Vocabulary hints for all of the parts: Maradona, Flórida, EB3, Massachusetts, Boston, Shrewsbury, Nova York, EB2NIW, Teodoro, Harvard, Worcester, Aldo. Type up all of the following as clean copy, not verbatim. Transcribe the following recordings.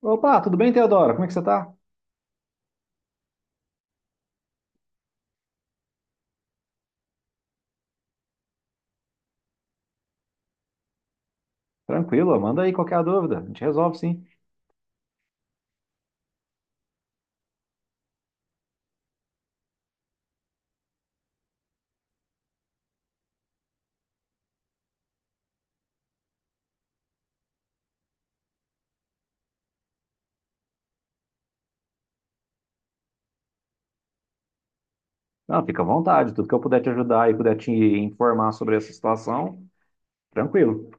Opa, tudo bem, Teodoro? Como é que você tá? Tranquilo, manda aí qualquer dúvida, a gente resolve sim. Não, fica à vontade, tudo que eu puder te ajudar e puder te informar sobre essa situação, tranquilo.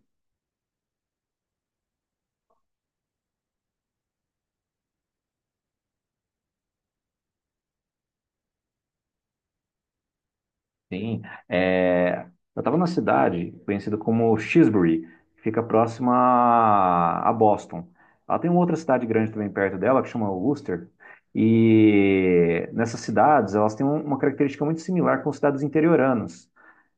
Sim, é, eu estava numa cidade conhecida como Shrewsbury, que fica próxima a Boston. Ela tem uma outra cidade grande também perto dela, que chama Worcester, e nessas cidades elas têm uma característica muito similar com cidades interioranas.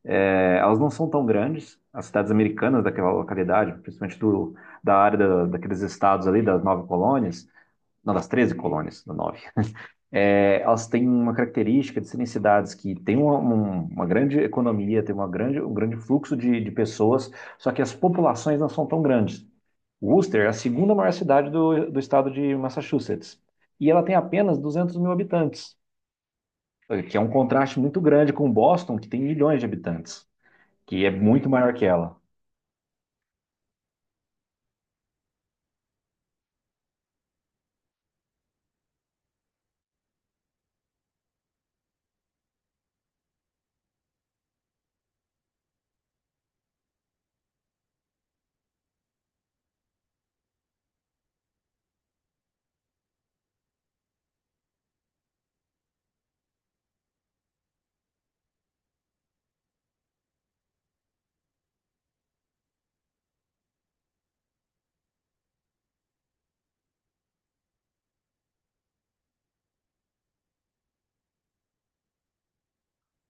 É, elas não são tão grandes, as cidades americanas daquela localidade, principalmente do, da área da, daqueles estados ali, das nove colônias, não, das 13 colônias, da nove, é, elas têm uma característica de serem cidades que têm uma grande economia, têm uma grande, um grande fluxo de pessoas, só que as populações não são tão grandes. Worcester é a segunda maior cidade do estado de Massachusetts, e ela tem apenas 200 mil habitantes, que é um contraste muito grande com Boston, que tem milhões de habitantes, que é muito maior que ela.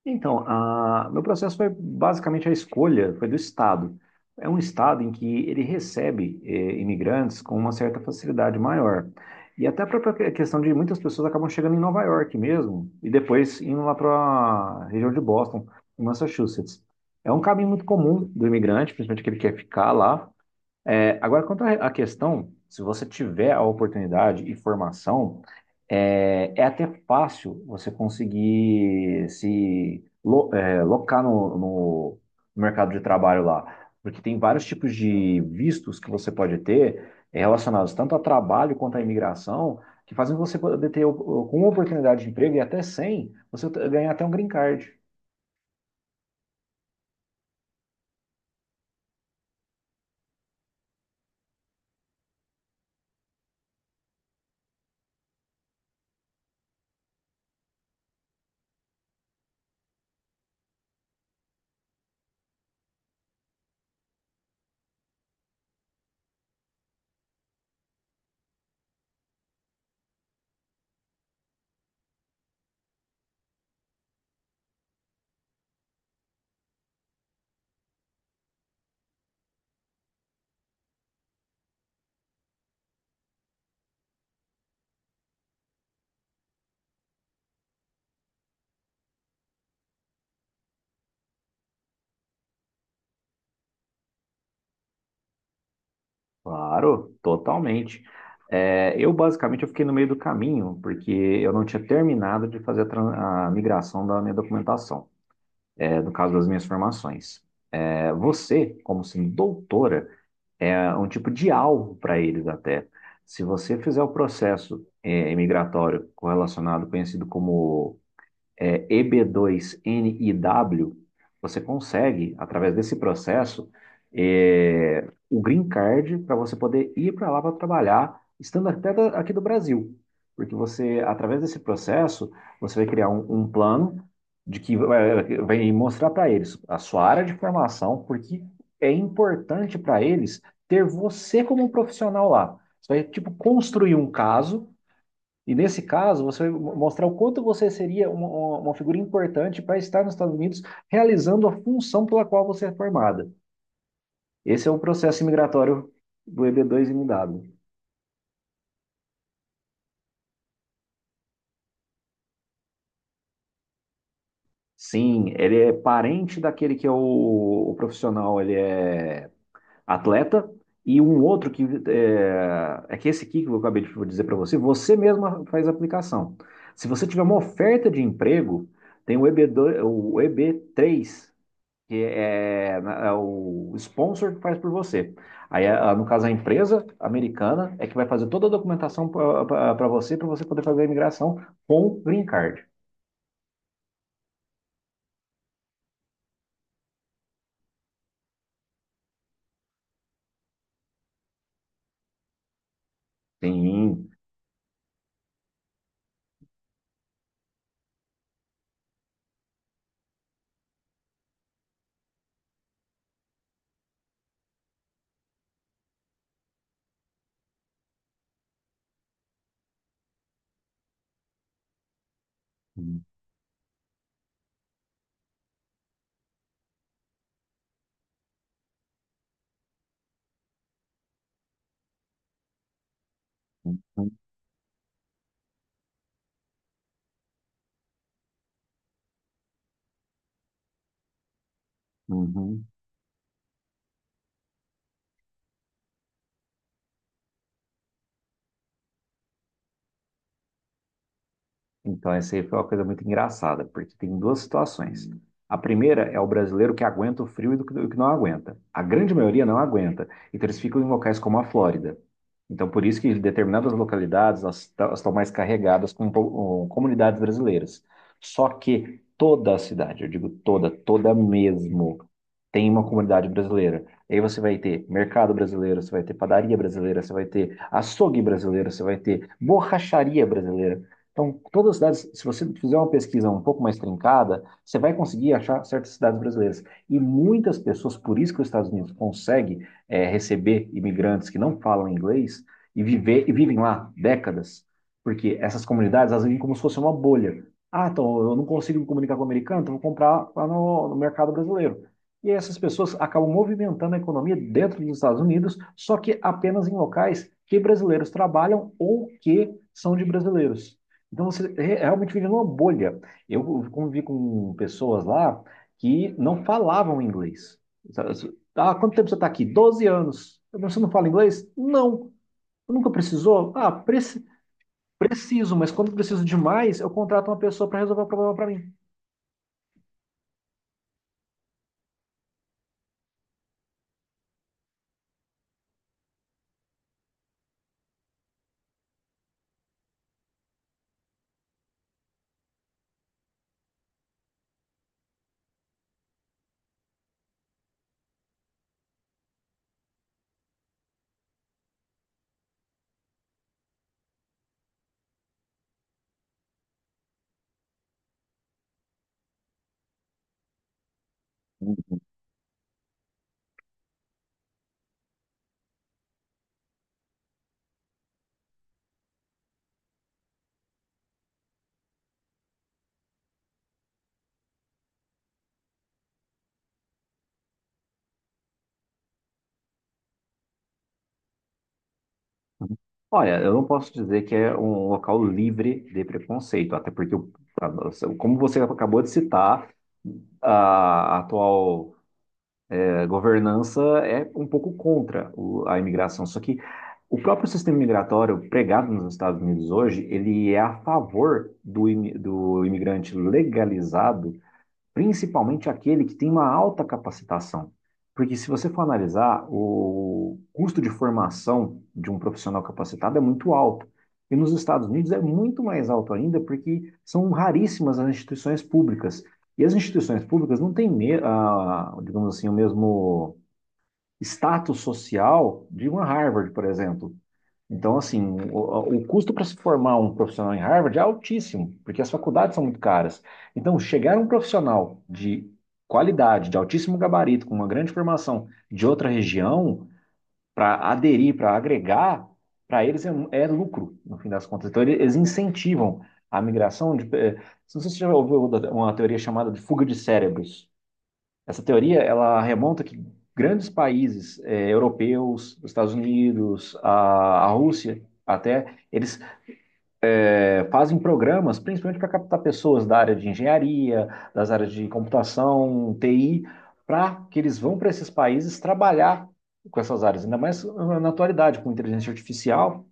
Então, meu processo foi basicamente a escolha, foi do Estado. É um Estado em que ele recebe imigrantes com uma certa facilidade maior. E até a própria questão de muitas pessoas acabam chegando em Nova York mesmo, e depois indo lá para a região de Boston, em Massachusetts. É um caminho muito comum do imigrante, principalmente aquele que quer ficar lá. É, agora, quanto à questão, se você tiver a oportunidade e formação, é até fácil você conseguir se locar no mercado de trabalho lá, porque tem vários tipos de vistos que você pode ter relacionados tanto a trabalho quanto à imigração, que fazem você poder ter, com uma oportunidade de emprego e até sem, ganhar até um green card. Claro, totalmente. É, eu basicamente eu fiquei no meio do caminho, porque eu não tinha terminado de fazer a migração da minha documentação, no caso das minhas formações. É, você, como sendo doutora, é um tipo de alvo para eles até. Se você fizer o processo imigratório correlacionado, conhecido como EB2NIW, você consegue, através desse processo, o green card para você poder ir para lá para trabalhar, estando até aqui do Brasil. Porque você, através desse processo, você vai criar um plano de que vai mostrar para eles a sua área de formação, porque é importante para eles ter você como um profissional lá. Você vai, tipo, construir um caso e nesse caso, você vai mostrar o quanto você seria uma figura importante para estar nos Estados Unidos realizando a função pela qual você é formada. Esse é o processo imigratório do EB2MW. Sim, ele é parente daquele que é o profissional, ele é atleta, e um outro que é que esse aqui que eu acabei de dizer para você, você mesma faz a aplicação. Se você tiver uma oferta de emprego, tem o EB2, o EB3, que é o sponsor que faz por você. Aí, no caso, a empresa americana é que vai fazer toda a documentação para você poder fazer a imigração com o green card. Sim. Uhum. Uhum. Uhum. Então, essa aí foi uma coisa muito engraçada, porque tem duas situações. A primeira é o brasileiro que aguenta o frio e do que não aguenta. A grande maioria não aguenta. Então, eles ficam em locais como a Flórida. Então, por isso que determinadas localidades elas estão mais carregadas com, com comunidades brasileiras. Só que toda a cidade, eu digo toda, toda mesmo, tem uma comunidade brasileira. Aí você vai ter mercado brasileiro, você vai ter padaria brasileira, você vai ter açougue brasileiro, você vai ter borracharia brasileira. Então, todas as cidades, se você fizer uma pesquisa um pouco mais trincada, você vai conseguir achar certas cidades brasileiras. E muitas pessoas, por isso que os Estados Unidos consegue receber imigrantes que não falam inglês e e vivem lá décadas, porque essas comunidades, elas vivem como se fosse uma bolha. Ah, então eu não consigo me comunicar com o americano, então eu vou comprar lá no mercado brasileiro. E essas pessoas acabam movimentando a economia dentro dos Estados Unidos, só que apenas em locais que brasileiros trabalham ou que são de brasileiros. Então você realmente vive numa bolha. Eu convivi com pessoas lá que não falavam inglês. Sabe, assim, "Ah, quanto tempo você está aqui?" "12 anos." Eu, "Mas você não fala inglês?" "Não." "Nunca precisou?" "Ah, preciso, mas quando preciso demais, eu contrato uma pessoa para resolver o problema para mim." Olha, eu não posso dizer que é um local livre de preconceito, até porque, como você acabou de citar, a atual governança é um pouco contra a imigração. Só que o próprio sistema migratório pregado nos Estados Unidos hoje, ele é a favor do imigrante legalizado, principalmente aquele que tem uma alta capacitação. Porque se você for analisar, o custo de formação de um profissional capacitado é muito alto. E nos Estados Unidos é muito mais alto ainda, porque são raríssimas as instituições públicas. E as instituições públicas não têm, ah, digamos assim, o mesmo status social de uma Harvard, por exemplo. Então, assim, o custo para se formar um profissional em Harvard é altíssimo, porque as faculdades são muito caras. Então, chegar um profissional de qualidade, de altíssimo gabarito, com uma grande formação de outra região, para aderir, para agregar, para eles é lucro, no fim das contas. Então, eles incentivam a migração de. Não sei se você já ouviu uma teoria chamada de fuga de cérebros. Essa teoria ela remonta que grandes países europeus, os Estados Unidos, a Rússia, até eles fazem programas, principalmente para captar pessoas da área de engenharia, das áreas de computação, TI, para que eles vão para esses países trabalhar com essas áreas, ainda mais ah, na atualidade com inteligência artificial.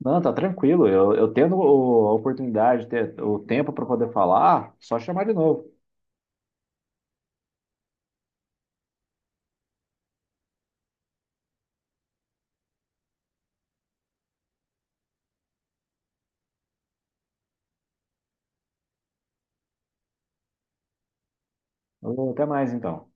Não, tá tranquilo. Eu tendo a oportunidade, ter o tempo para poder falar, só chamar de novo. Ô, até mais então.